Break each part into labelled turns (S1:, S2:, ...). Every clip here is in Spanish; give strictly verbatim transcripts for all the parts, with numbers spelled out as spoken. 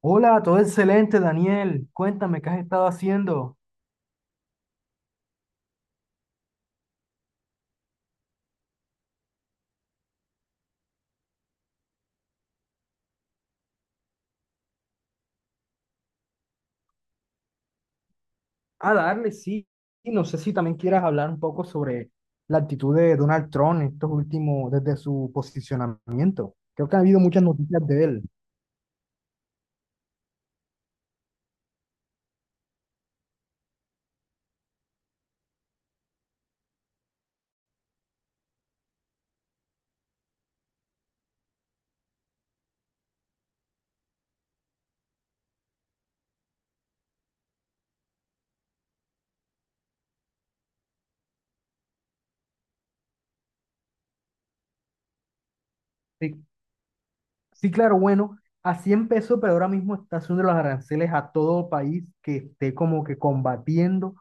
S1: Hola, todo excelente, Daniel. Cuéntame, ¿qué has estado haciendo? A darle, sí. Y no sé si también quieras hablar un poco sobre la actitud de Donald Trump en estos últimos, desde su posicionamiento. Creo que ha habido muchas noticias de él. Sí, sí, claro, bueno, así empezó, pero ahora mismo está haciendo los aranceles a todo país que esté como que combatiendo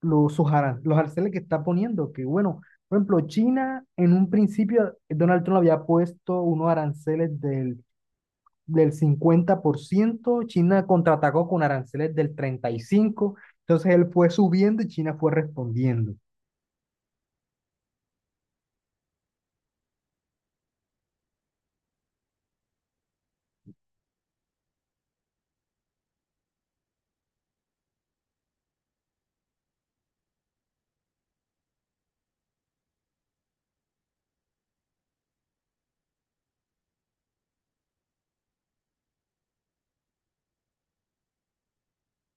S1: los, sus aran- los aranceles que está poniendo. Que bueno, por ejemplo, China en un principio, Donald Trump había puesto unos aranceles del del cincuenta por ciento. China contraatacó con aranceles del treinta y cinco por ciento, entonces él fue subiendo y China fue respondiendo.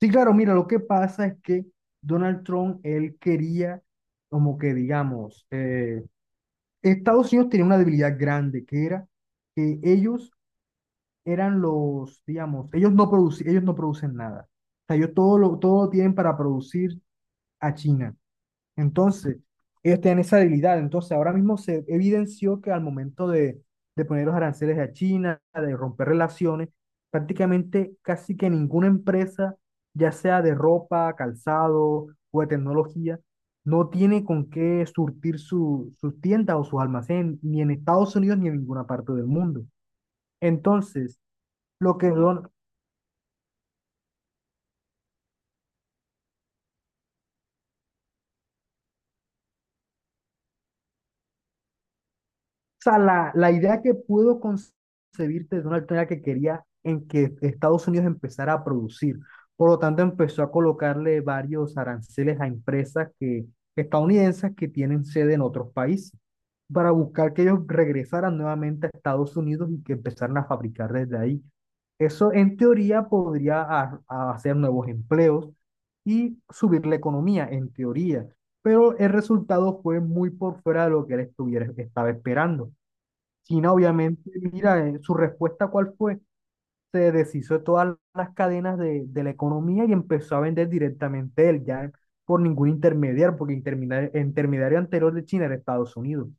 S1: Sí, claro, mira, lo que pasa es que Donald Trump, él quería, como que digamos, eh, Estados Unidos tenía una debilidad grande, que era que ellos eran los, digamos, ellos no, produc- ellos no producen nada. O sea, ellos todo lo, todo lo tienen para producir a China. Entonces, ellos tienen esa debilidad. Entonces, ahora mismo se evidenció que al momento de, de poner los aranceles a China, de romper relaciones, prácticamente casi que ninguna empresa, ya sea de ropa, calzado o de tecnología, no tiene con qué surtir su, sus tiendas o sus almacenes, ni en Estados Unidos ni en ninguna parte del mundo. Entonces, lo que Don- O sea, la, la idea que pudo concebirte de Donald Trump era que quería en que Estados Unidos empezara a producir. Por lo tanto, empezó a colocarle varios aranceles a empresas que, estadounidenses que tienen sede en otros países para buscar que ellos regresaran nuevamente a Estados Unidos y que empezaran a fabricar desde ahí. Eso en teoría podría a- a hacer nuevos empleos y subir la economía, en teoría, pero el resultado fue muy por fuera de lo que él estuviera, estaba esperando. China, obviamente, mira, eh, su respuesta, ¿cuál fue? Se deshizo de todas las cadenas de, de la economía y empezó a vender directamente él, ya por ningún intermediario, porque intermediario, intermediario anterior de China era Estados Unidos.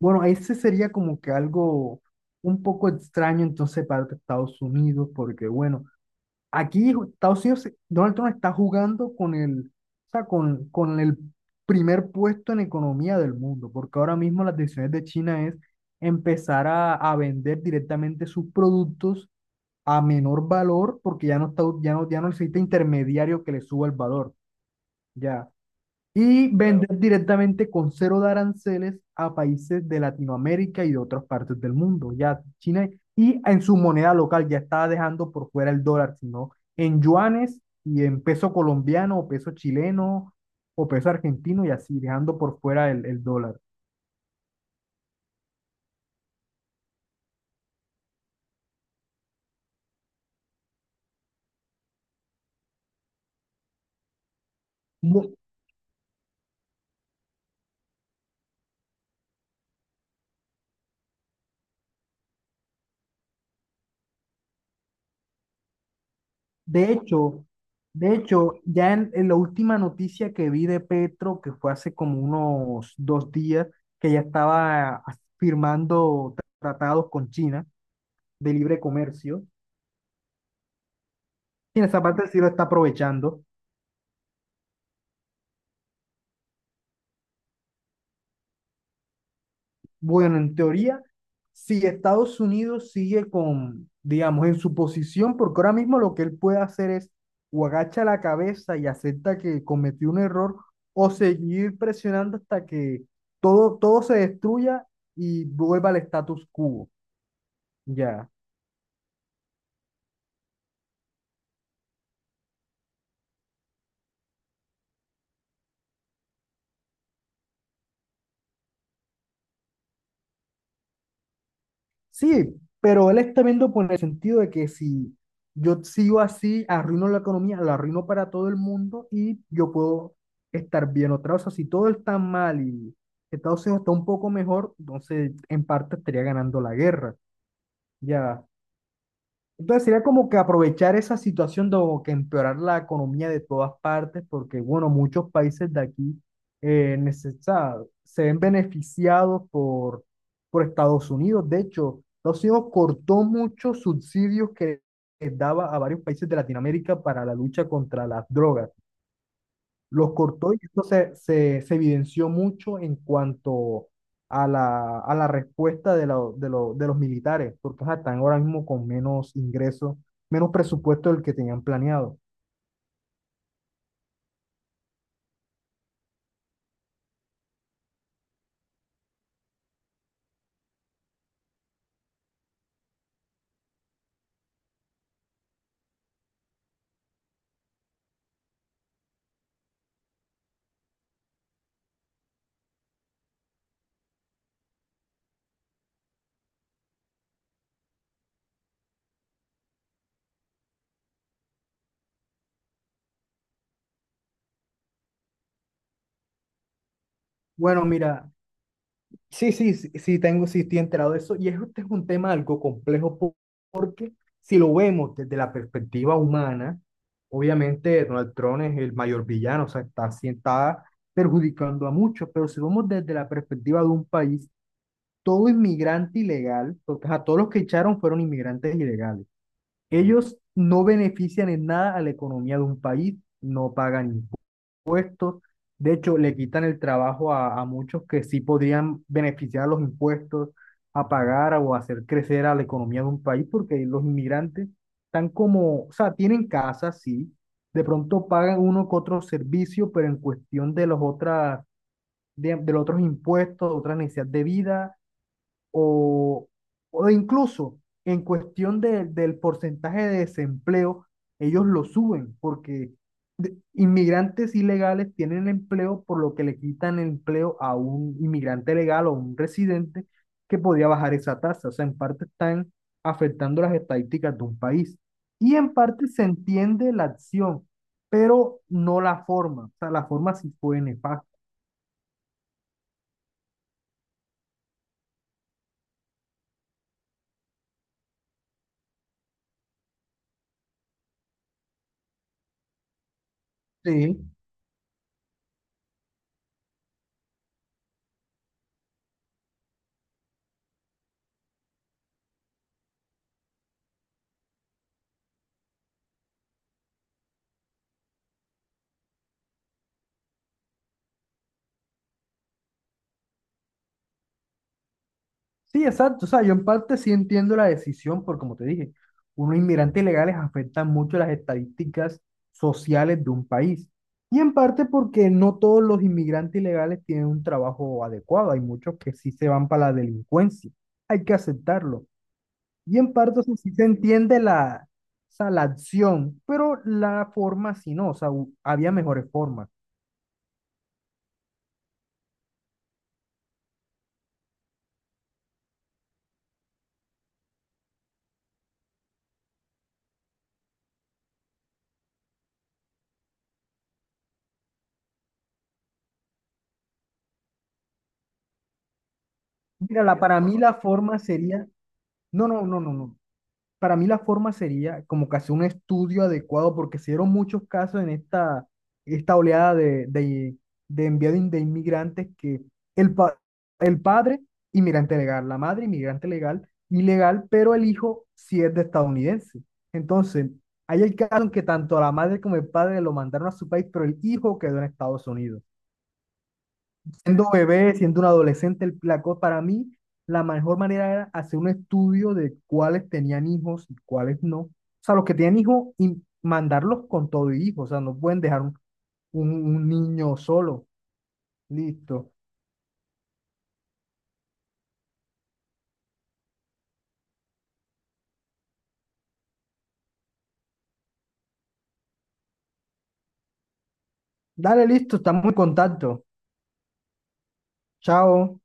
S1: Bueno, ese sería como que algo un poco extraño entonces para Estados Unidos, porque bueno, aquí Estados Unidos, eh, Donald Trump está jugando con el, o sea, con, con el primer puesto en economía del mundo, porque ahora mismo las decisiones de China es empezar a, a vender directamente sus productos a menor valor, porque ya no está, ya no, ya no necesita intermediario que le suba el valor. Ya y claro, vender directamente con cero de aranceles a países de Latinoamérica y de otras partes del mundo. Ya China y en su moneda local ya estaba dejando por fuera el dólar, sino en yuanes y en peso colombiano o peso chileno o peso argentino y así, dejando por fuera el, el dólar. No, de hecho, de hecho, ya en, en la última noticia que vi de Petro, que fue hace como unos dos días, que ya estaba ah, firmando tratados con China de libre comercio y en esa parte sí lo está aprovechando. Bueno, en teoría, si Estados Unidos sigue con, digamos, en su posición, porque ahora mismo lo que él puede hacer es o agacha la cabeza y acepta que cometió un error o seguir presionando hasta que todo, todo se destruya y vuelva al status quo. Ya. Sí, pero él está viendo por el sentido de que si yo sigo así, arruino la economía, la arruino para todo el mundo y yo puedo estar bien otra vez. O sea, si todo está mal y Estados Unidos está un poco mejor, entonces en parte estaría ganando la guerra. Ya, entonces sería como que aprovechar esa situación de o que empeorar la economía de todas partes, porque bueno, muchos países de aquí eh, neces- o sea, se ven beneficiados por, por Estados Unidos. De hecho, Estados Unidos cortó muchos subsidios que que daba a varios países de Latinoamérica para la lucha contra las drogas, los cortó y esto se, se, se evidenció mucho en cuanto a la, a la respuesta de, la- de, lo- de los militares, porque ajá, están ahora mismo con menos ingresos, menos presupuesto del que tenían planeado. Bueno, mira, sí, sí, sí, sí tengo, sí estoy enterado de eso, y es- este es un tema algo complejo po- porque si lo vemos desde la perspectiva humana, obviamente Donald Trump es el mayor villano, o sea, está, sí está perjudicando a muchos, pero si lo vemos desde la perspectiva de un país, todo inmigrante ilegal, porque a todos los que echaron fueron inmigrantes ilegales. Ellos no benefician en nada a la economía de un país, no pagan impuestos. De hecho, le quitan el trabajo a, a muchos que sí podrían beneficiar a los impuestos, a pagar o a hacer crecer a la economía de un país, porque los inmigrantes están como, o sea, tienen casas, sí, de pronto pagan uno que otro servicio, pero en cuestión de los otras, de, de los otros impuestos, otras necesidades de vida o, o incluso en cuestión de- del porcentaje de desempleo, ellos lo suben porque de- inmigrantes ilegales tienen empleo por lo que le quitan empleo a un inmigrante legal o un residente que podía bajar esa tasa. O sea, en parte están afectando las estadísticas de un país y en parte se entiende la acción, pero no la forma. O sea, la forma sí fue nefasta. Sí. Sí, exacto. O sea, yo en parte sí entiendo la decisión, porque como te dije, unos inmigrantes ilegales afectan mucho las estadísticas sociales de un país. Y en parte porque no todos los inmigrantes ilegales tienen un trabajo adecuado. Hay muchos que sí se van para la delincuencia. Hay que aceptarlo. Y en parte o sea, sí se entiende la, o sea, la acción, pero la forma sí no. O sea, hu- había mejores formas. Mira, la, para mí la forma sería... No, no, no, no, no. Para mí la forma sería como que hacer un estudio adecuado porque se dieron muchos casos en esta, esta oleada de, de, de envío de, in- de inmigrantes que el, pa- el padre, inmigrante legal, la madre, inmigrante legal, ilegal, pero el hijo sí es de estadounidense. Entonces, hay el caso en que tanto la madre como el padre lo mandaron a su país, pero el hijo quedó en Estados Unidos. Siendo bebé, siendo un adolescente, el- la cosa para mí la mejor manera era hacer un estudio de cuáles tenían hijos y cuáles no. O sea, los que tenían hijos y mandarlos con todo y hijos. O sea, no pueden dejar un, un un niño solo. Listo. Dale, listo, estamos en contacto. Chao.